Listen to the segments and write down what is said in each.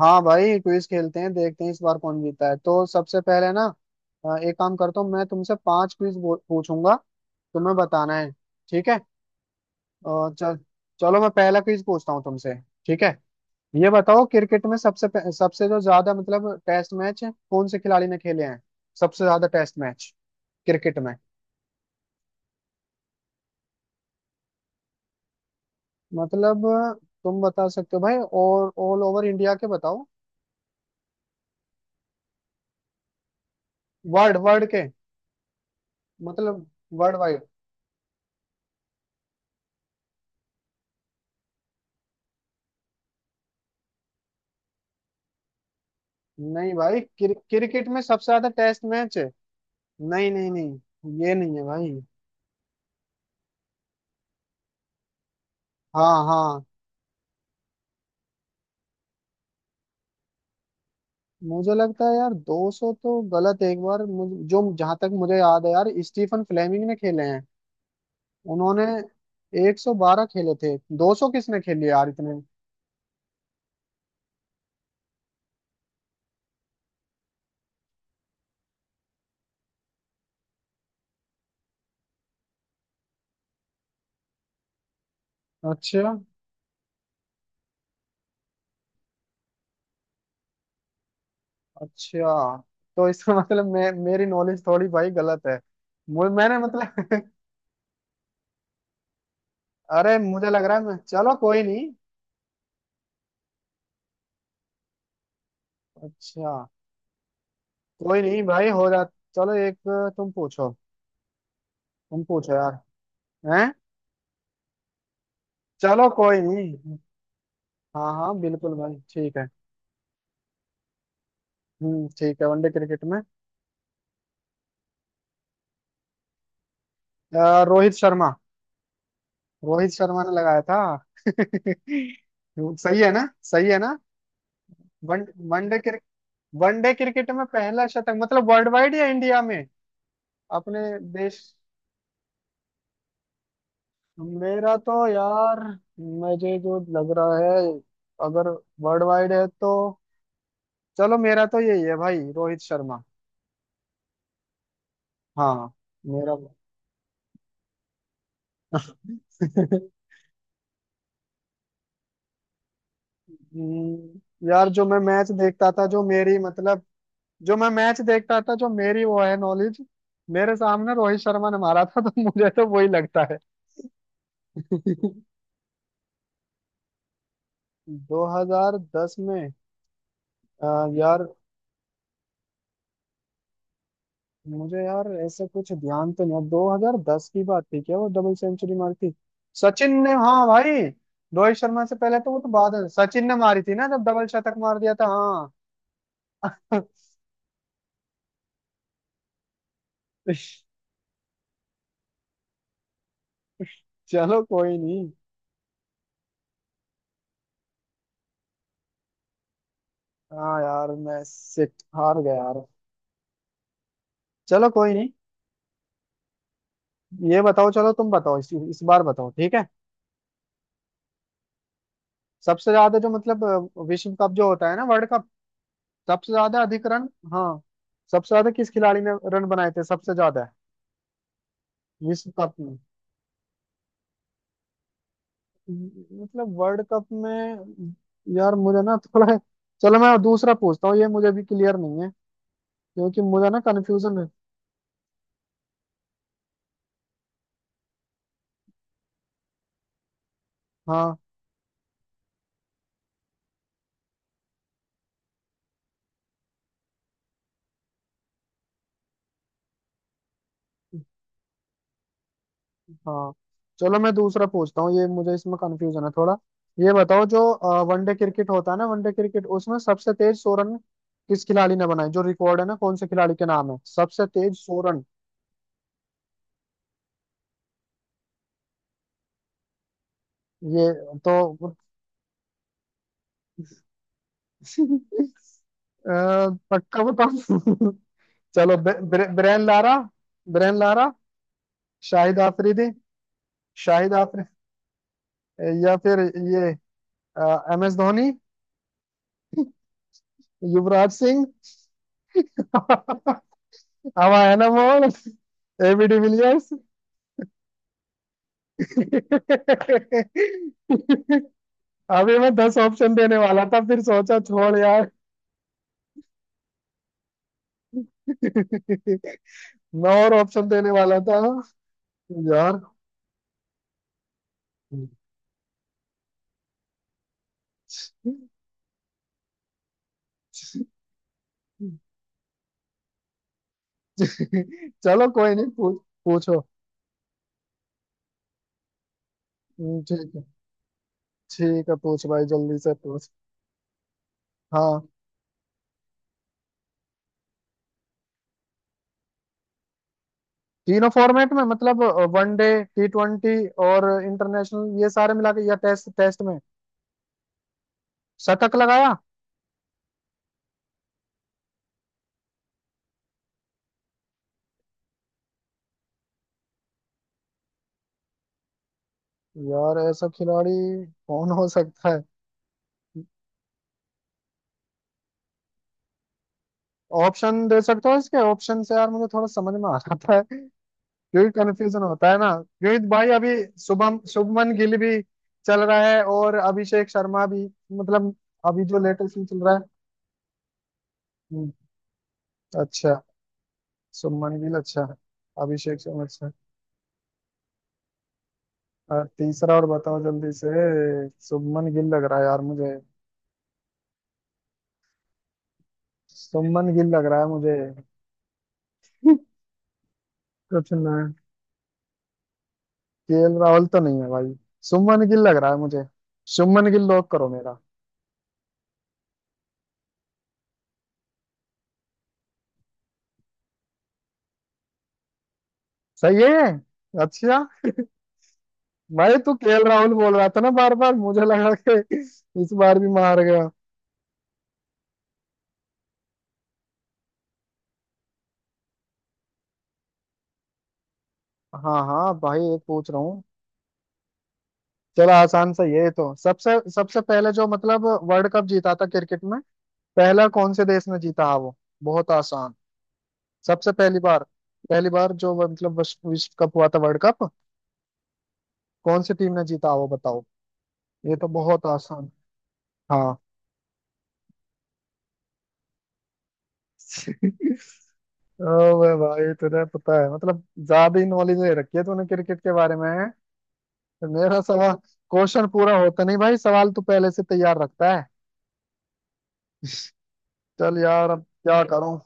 हाँ भाई, क्विज खेलते हैं, देखते हैं इस बार कौन जीता है। तो सबसे पहले ना एक काम करता हूँ, मैं तुमसे 5 क्विज पूछूंगा। तुम्हें बताना है, ठीक है। और चल, चलो मैं पहला क्विज पूछता हूँ तुमसे। ठीक है, ये बताओ क्रिकेट में सबसे जो ज्यादा मतलब टेस्ट मैच कौन से खिलाड़ी ने खेले हैं। सबसे ज्यादा टेस्ट मैच क्रिकेट में। मतलब तुम बता सकते हो भाई, और ऑल ओवर इंडिया के बताओ। वर्ल्ड वर्ल्ड के। मतलब वर्ल्ड वाइड। नहीं भाई, क्रिकेट में सबसे ज्यादा टेस्ट मैच है। नहीं नहीं नहीं, ये नहीं है भाई। हाँ हाँ। मुझे लगता है यार 200 तो गलत है। एक बार मुझे जो, जहां तक मुझे याद है यार, स्टीफन फ्लेमिंग ने खेले हैं। उन्होंने 112 खेले थे। 200 किसने खेले यार इतने। अच्छा। अच्छा, तो इसका मतलब मैं, मेरी नॉलेज थोड़ी भाई गलत है। मैंने मतलब अरे, मुझे लग रहा है मैं, चलो कोई नहीं। अच्छा। कोई नहीं भाई, हो जा। चलो एक, तुम पूछो, तुम पूछो यार। हैं। चलो कोई नहीं। हाँ हाँ बिल्कुल भाई, ठीक है। हम्म, ठीक है, वनडे क्रिकेट में। रोहित शर्मा, रोहित शर्मा ने लगाया था। सही है ना, सही है ना। One one day crick one day cricket में पहला शतक मतलब वर्ल्ड वाइड या इंडिया में, अपने देश। मेरा तो यार, मुझे जो लग रहा है, अगर वर्ल्ड वाइड है तो, चलो मेरा तो यही है भाई, रोहित शर्मा। हाँ। मेरा यार जो मैं मैच देखता था, जो मेरी मतलब, जो मैं मैच देखता था, जो मेरी वो है नॉलेज, मेरे सामने रोहित शर्मा ने मारा था। तो मुझे तो वही लगता है। 2010 में आ, यार मुझे, यार ऐसे कुछ ध्यान तो नहीं, 2010 की बात थी क्या वो डबल सेंचुरी मारी थी। सचिन ने हाँ भाई, रोहित शर्मा से पहले तो, वो तो बाद है, सचिन ने मारी थी ना जब डबल शतक मार दिया था। हाँ। चलो कोई नहीं। हाँ यार, मैं सिट हार गया यार। चलो कोई नहीं। ये बताओ, चलो तुम बताओ इस बार बताओ, ठीक है। सबसे ज्यादा जो मतलब विश्व कप जो होता है ना, वर्ल्ड कप, सबसे ज्यादा अधिक रन। हाँ। सबसे ज्यादा किस खिलाड़ी ने रन बनाए थे, सबसे ज्यादा। विश्व कप में, मतलब वर्ल्ड कप में। यार मुझे ना थोड़ा, चलो मैं दूसरा पूछता हूँ, ये मुझे भी क्लियर नहीं है क्योंकि मुझे ना कन्फ्यूजन है। हाँ हाँ। चलो मैं दूसरा पूछता हूँ, ये मुझे इसमें कंफ्यूजन है थोड़ा। ये बताओ, जो वनडे क्रिकेट होता है ना, वनडे क्रिकेट, उसमें सबसे तेज 100 रन किस खिलाड़ी ने बनाए, जो रिकॉर्ड है ना, कौन से खिलाड़ी के नाम है सबसे तेज 100 रन। ये तो अ, पक्का बताओ। चलो brain Lara, Brian Lara. Shahid Afridi, Shahid Afri या फिर ये MS धोनी, युवराज सिंह। हवा है ना मोहन, एबी डिविलियर्स। अभी मैं 10 ऑप्शन देने वाला था, फिर सोचा छोड़ यार। मैं और ऑप्शन देने वाला था यार। चलो कोई नहीं, पूछ, पूछो। ठीक है। ठीक है, पूछ भाई जल्दी से पूछ। हाँ। तीनों फॉर्मेट में मतलब वनडे, टी20 और इंटरनेशनल, ये सारे मिला के या टेस्ट, टेस्ट में शतक लगाया। यार ऐसा खिलाड़ी कौन हो सकता है। ऑप्शन दे सकते हो इसके, ऑप्शन से यार मुझे थोड़ा समझ में आ जाता है क्योंकि कंफ्यूजन होता है ना, क्योंकि भाई अभी शुभमन गिल भी चल रहा है और अभिषेक शर्मा भी, मतलब अभी जो लेटेस्ट चल रहा है। हम्म, अच्छा। शुभमन गिल अच्छा। अभिषेक शर्मा अच्छा। और तीसरा और बताओ जल्दी से। शुभमन गिल लग रहा है यार मुझे, शुभमन गिल लग रहा है मुझे। कुछ ना, केएल राहुल तो नहीं है भाई, शुभमन गिल लग रहा है मुझे, शुभमन गिल लॉक करो मेरा। सही है ये। अच्छा। भाई तू केएल राहुल बोल रहा था ना बार बार, मुझे लगा कि इस बार भी मार गया। हाँ हाँ भाई, एक पूछ रहा हूँ। चलो आसान सा ये, तो सबसे, सबसे पहले जो मतलब वर्ल्ड कप जीता था क्रिकेट में, पहला कौन से देश ने जीता है वो। बहुत आसान। सबसे पहली बार, पहली बार जो वो मतलब विश्व विश्व कप हुआ था, वर्ल्ड कप, कौन सी टीम ने जीता वो बताओ। ये तो बहुत आसान। हाँ। ओ भाई, तुझे पता है मतलब ज्यादा ही नॉलेज ले रखी है तूने क्रिकेट के बारे में। मेरा सवाल, क्वेश्चन पूरा होता नहीं भाई, सवाल तो पहले से तैयार रखता है। चल यार, अब क्या करूं।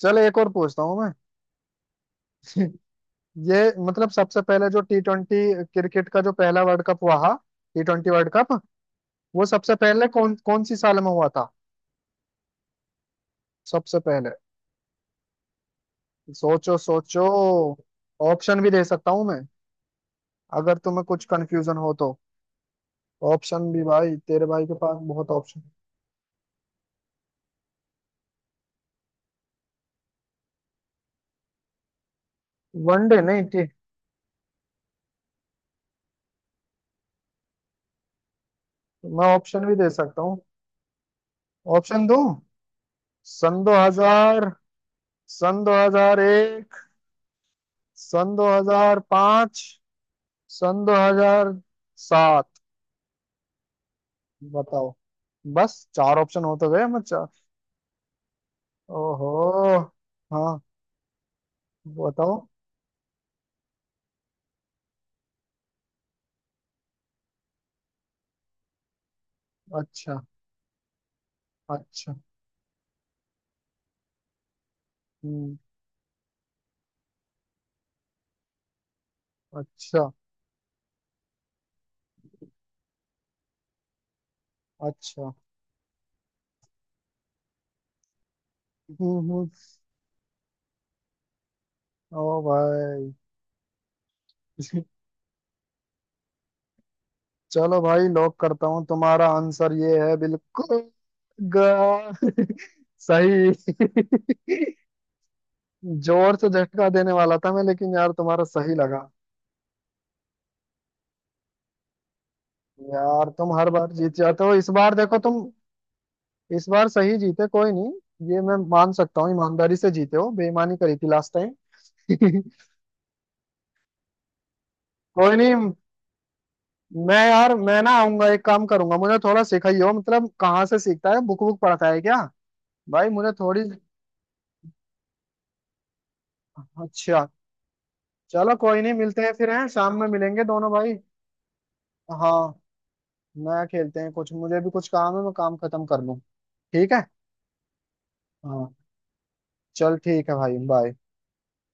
चल एक और पूछता हूं मैं, ये मतलब सबसे पहले जो टी20 क्रिकेट का जो पहला वर्ल्ड कप हुआ था, टी20 वर्ल्ड कप, वो सबसे पहले कौन, कौन सी साल में हुआ था। सबसे पहले, सोचो सोचो। ऑप्शन भी दे सकता हूं मैं, अगर तुम्हें कुछ कंफ्यूजन हो तो। ऑप्शन भी भाई, तेरे भाई के पास बहुत ऑप्शन। वनडे नहीं, टी। मैं ऑप्शन भी दे सकता हूँ। ऑप्शन दूं। सन 2000, सन 2001, सन 2005, सन 2007, बताओ। बस चार ऑप्शन हो तो गए मैं, चार। ओहो। हाँ। बताओ। अच्छा। अच्छा। हम्म। अच्छा। अच्छा। हम्म। ओ भाई। चलो भाई लॉक करता हूँ, तुम्हारा आंसर ये है बिल्कुल ग- सही। जोर से झटका देने वाला था मैं, लेकिन यार तुम्हारा सही लगा। यार तुम हर बार जीत जाते हो, इस बार देखो तुम, इस बार सही जीते। कोई नहीं, ये मैं मान सकता हूँ, ईमानदारी से जीते हो, बेईमानी करी थी लास्ट टाइम। कोई नहीं। मैं यार, मैं ना आऊंगा, एक काम करूंगा, मुझे थोड़ा सिखाइयो, मतलब कहाँ से सीखता है, बुक बुक पढ़ता है क्या भाई, मुझे थोड़ी। अच्छा, चलो कोई नहीं, मिलते हैं फिर, हैं, शाम में मिलेंगे दोनों भाई। हाँ, मैं खेलते हैं कुछ, मुझे भी कुछ काम है, मैं काम खत्म कर लूँ, ठीक है। हाँ, चल ठीक है भाई, बाय।